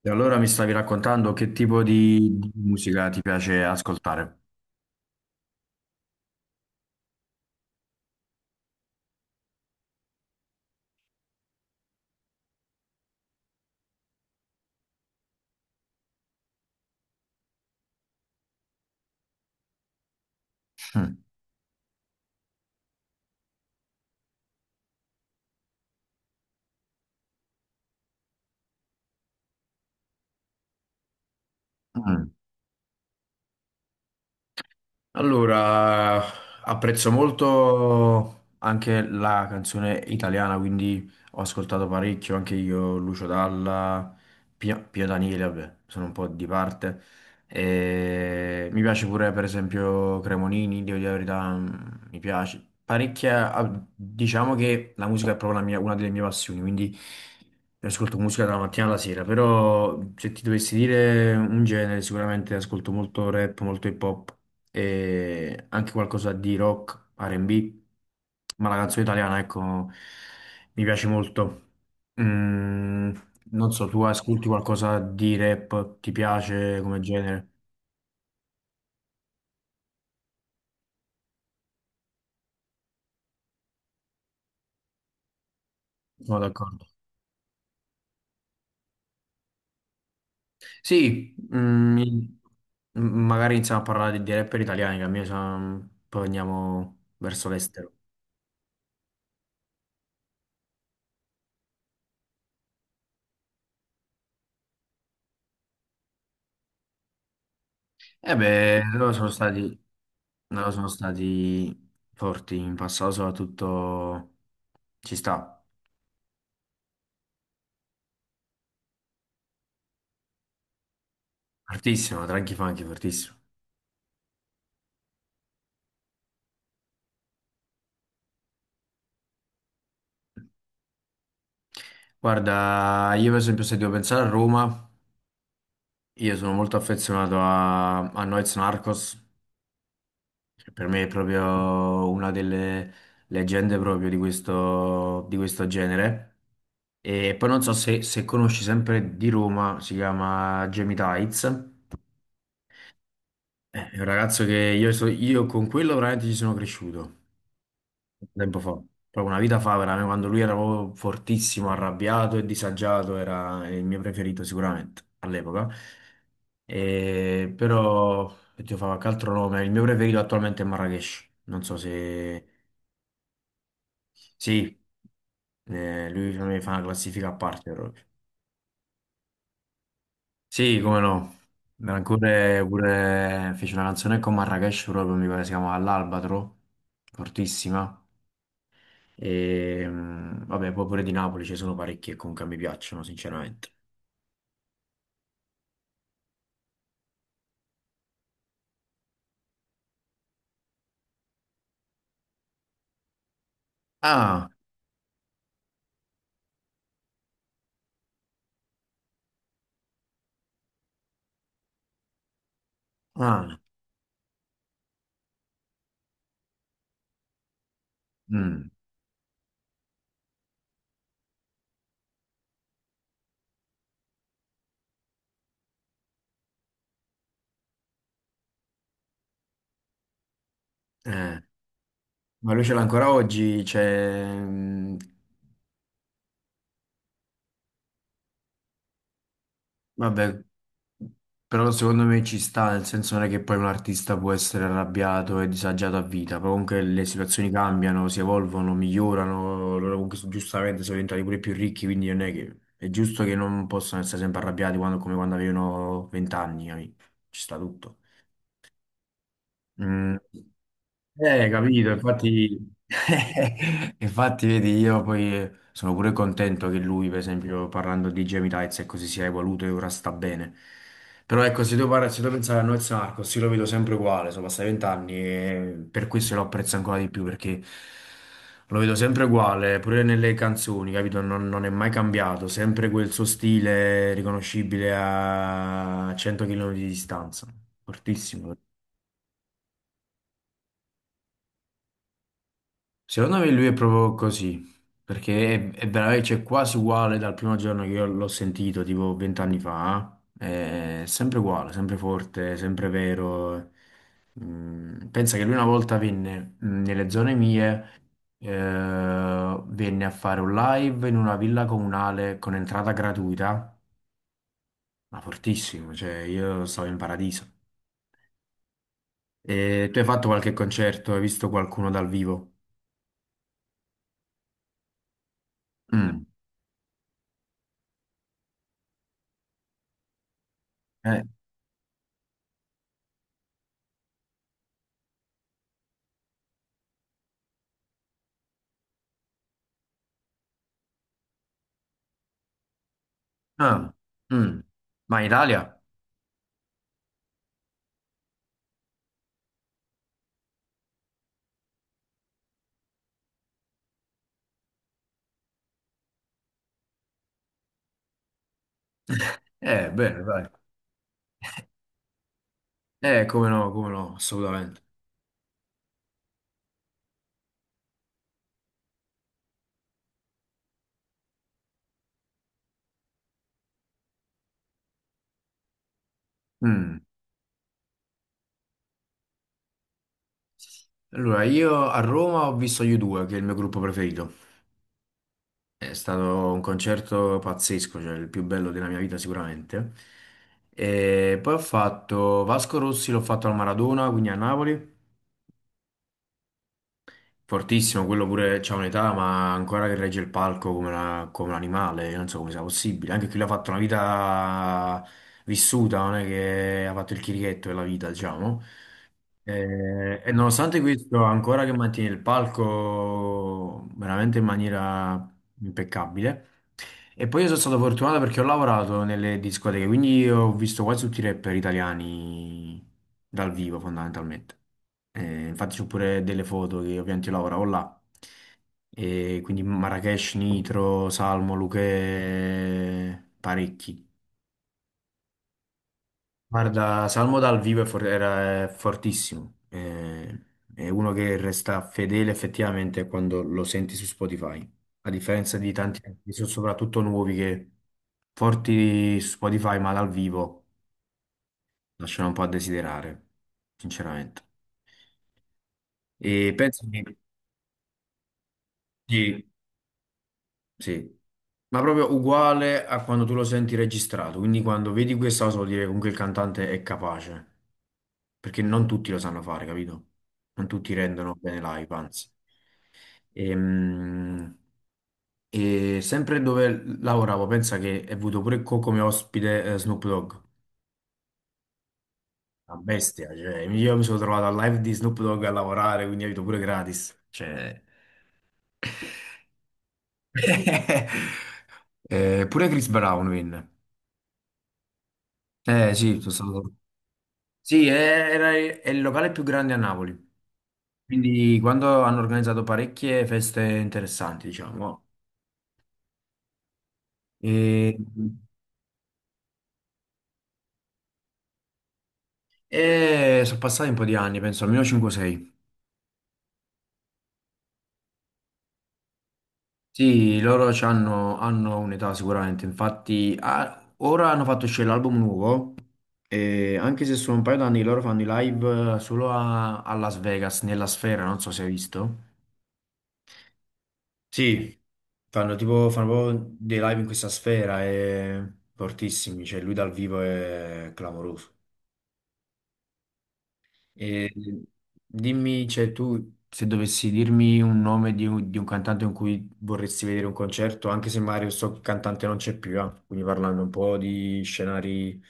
E allora mi stavi raccontando che tipo di musica ti piace ascoltare? Mm. Mm. Allora, apprezzo molto anche la canzone italiana, quindi ho ascoltato parecchio anche io Lucio Dalla, Pio Daniele, vabbè, sono un po' di parte. E mi piace pure, per esempio, Cremonini, devo dire la verità, mi piace parecchia. Diciamo che la musica è proprio una delle mie passioni, quindi io ascolto musica dalla mattina alla sera. Però se ti dovessi dire un genere, sicuramente ascolto molto rap, molto hip hop e anche qualcosa di rock, R&B. Ma la canzone italiana, ecco, mi piace molto. Mm, non so, tu ascolti qualcosa di rap, ti piace come genere? Sono d'accordo. Sì, magari iniziamo a parlare di rapper italiani, che a me sa- mm, poi andiamo verso l'estero. E beh, loro sono stati forti in passato, soprattutto ci sta. Fortissimo, Tranchi Funky, fortissimo. Guarda, io per esempio se devo pensare a Roma. Io sono molto affezionato a Noyz Narcos, che per me è proprio una delle leggende proprio di questo genere. E poi non so se conosci sempre di Roma, si chiama Jamie Tights. È un ragazzo che io con quello veramente ci sono cresciuto. Tempo fa, proprio una vita fa, veramente, quando lui era proprio fortissimo, arrabbiato e disagiato, era il mio preferito sicuramente all'epoca. Però, oddio, fa qualche altro nome, il mio preferito attualmente è Marrakesh, non so se... Sì, lui per me fa una classifica a parte proprio. Sì, come no. Ancora pure fece una canzone con Marrakesh proprio, mi pare si chiama L'Albatro, fortissima. E, mm, vabbè, poi pure di Napoli ci sono parecchi che comunque mi piacciono, sinceramente. Ah, ah, mm, eh. Ma lui ce l'ha ancora oggi, cioè, mm, vabbè, però secondo me ci sta, nel senso non è che poi un artista può essere arrabbiato e disagiato a vita, però comunque le situazioni cambiano, si evolvono, migliorano, giustamente sono diventati pure più ricchi, quindi non è che è giusto che non possano essere sempre arrabbiati come quando avevano vent'anni, capì? Ci sta tutto. Mm. Capito, infatti, infatti vedi, io poi sono pure contento che lui, per esempio, parlando di Gemilaits, ecco, si sia evoluto e ora sta bene. Però ecco, se devo pensare a Noyz Narcos, io lo vedo sempre uguale, sono passati vent'anni e per questo lo apprezzo ancora di più, perché lo vedo sempre uguale, pure nelle canzoni, capito? Non è mai cambiato, sempre quel suo stile riconoscibile a 100 km di distanza, fortissimo. Secondo me lui è proprio così, perché è veramente, cioè, quasi uguale dal primo giorno che io l'ho sentito, tipo vent'anni fa, eh, è sempre uguale, sempre forte, sempre vero. Mm, pensa che lui una volta venne nelle zone mie, eh, venne a fare un live in una villa comunale con entrata gratuita, ma fortissimo, cioè io stavo in paradiso. E tu hai fatto qualche concerto, hai visto qualcuno dal vivo? Mm. Mm. Eh, ah, mm. Ma in Italia? Bene, dai. Come no, come no, assolutamente. Mm. Allora, io a Roma ho visto gli U2, che è il mio gruppo preferito. È stato un concerto pazzesco, cioè il più bello della mia vita sicuramente. E poi ho fatto Vasco Rossi, l'ho fatto al Maradona, quindi a Napoli. Fortissimo, quello pure c'ha un'età, ma ancora che regge il palco come un animale, io non so come sia possibile. Anche chi l'ha fatto una vita vissuta, non è che ha fatto il chirichetto della vita, diciamo. Nonostante questo, ancora che mantiene il palco veramente in maniera impeccabile. E poi io sono stato fortunato perché ho lavorato nelle discoteche, quindi ho visto quasi tutti i rapper italiani dal vivo, fondamentalmente. Infatti c'ho pure delle foto che ovviamente io lavoravo là. E quindi Marrakesh, Nitro, Salmo, Luchè, parecchi. Guarda, Salmo dal vivo è for- era è fortissimo. È uno che resta fedele effettivamente quando lo senti su Spotify. A differenza di tanti artisti, soprattutto nuovi, che forti su Spotify, ma dal vivo lasciano un po' a desiderare, sinceramente. E penso che sì, sì. Ma proprio uguale a quando tu lo senti registrato, quindi quando vedi questa cosa vuol dire che comunque il cantante è capace, perché non tutti lo sanno fare, capito? Non tutti rendono bene live, anzi. Ehm, E, sempre dove lavoravo, pensa che ho avuto come ospite Snoop Dogg, una bestia, cioè io mi sono trovato al live di Snoop Dogg a lavorare, quindi ho avuto pure gratis, cioè... pure Chris Brown venne. Eh sì, sono stato. Sì, è- era è il locale più grande a Napoli, quindi quando hanno organizzato parecchie feste interessanti, diciamo. E, e sono passati un po' di anni, penso almeno 5-6. Sì, hanno un'età sicuramente, infatti ah, ora hanno fatto uscire l'album nuovo, e anche se sono un paio d'anni che loro fanno i live solo a Las Vegas, nella sfera, non so se hai visto. Sì, fanno proprio dei live in questa sfera e fortissimi, cioè lui dal vivo è clamoroso. E dimmi, cioè tu se dovessi dirmi un nome di un cantante con cui vorresti vedere un concerto, anche se magari questo cantante non c'è più, quindi parlando un po' di scenari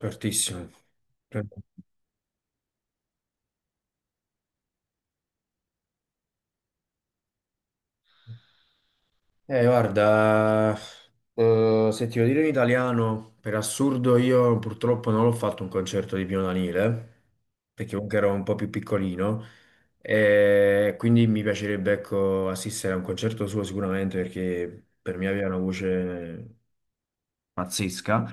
fortissimi. Guarda, se ti devo dire in italiano, per assurdo io purtroppo non l'ho fatto un concerto di Pino Daniele, perché comunque ero un po' più piccolino, e quindi mi piacerebbe, ecco, assistere a un concerto suo sicuramente, perché per me aveva una voce pazzesca.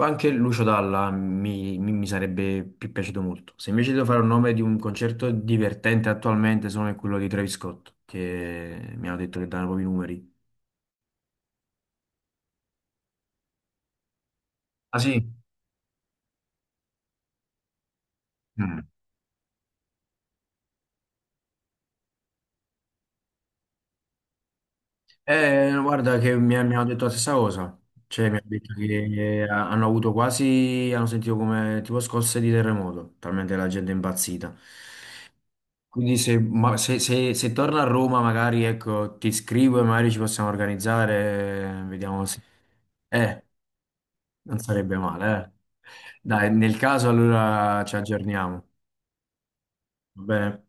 O anche Lucio Dalla mi sarebbe più piaciuto molto. Se invece devo fare un nome di un concerto divertente attualmente, sono quello di Travis Scott, che mi hanno detto che danno proprio i numeri. Ah sì? Mm. No, guarda che mi hanno detto la stessa cosa, cioè mi hanno detto hanno avuto quasi, hanno sentito come tipo scosse di terremoto, talmente la gente è impazzita. Quindi se, ma- se, se- se torno a Roma magari ecco, ti scrivo e magari ci possiamo organizzare, vediamo se... Eh, non sarebbe male, eh. Dai, nel caso allora ci aggiorniamo, va bene?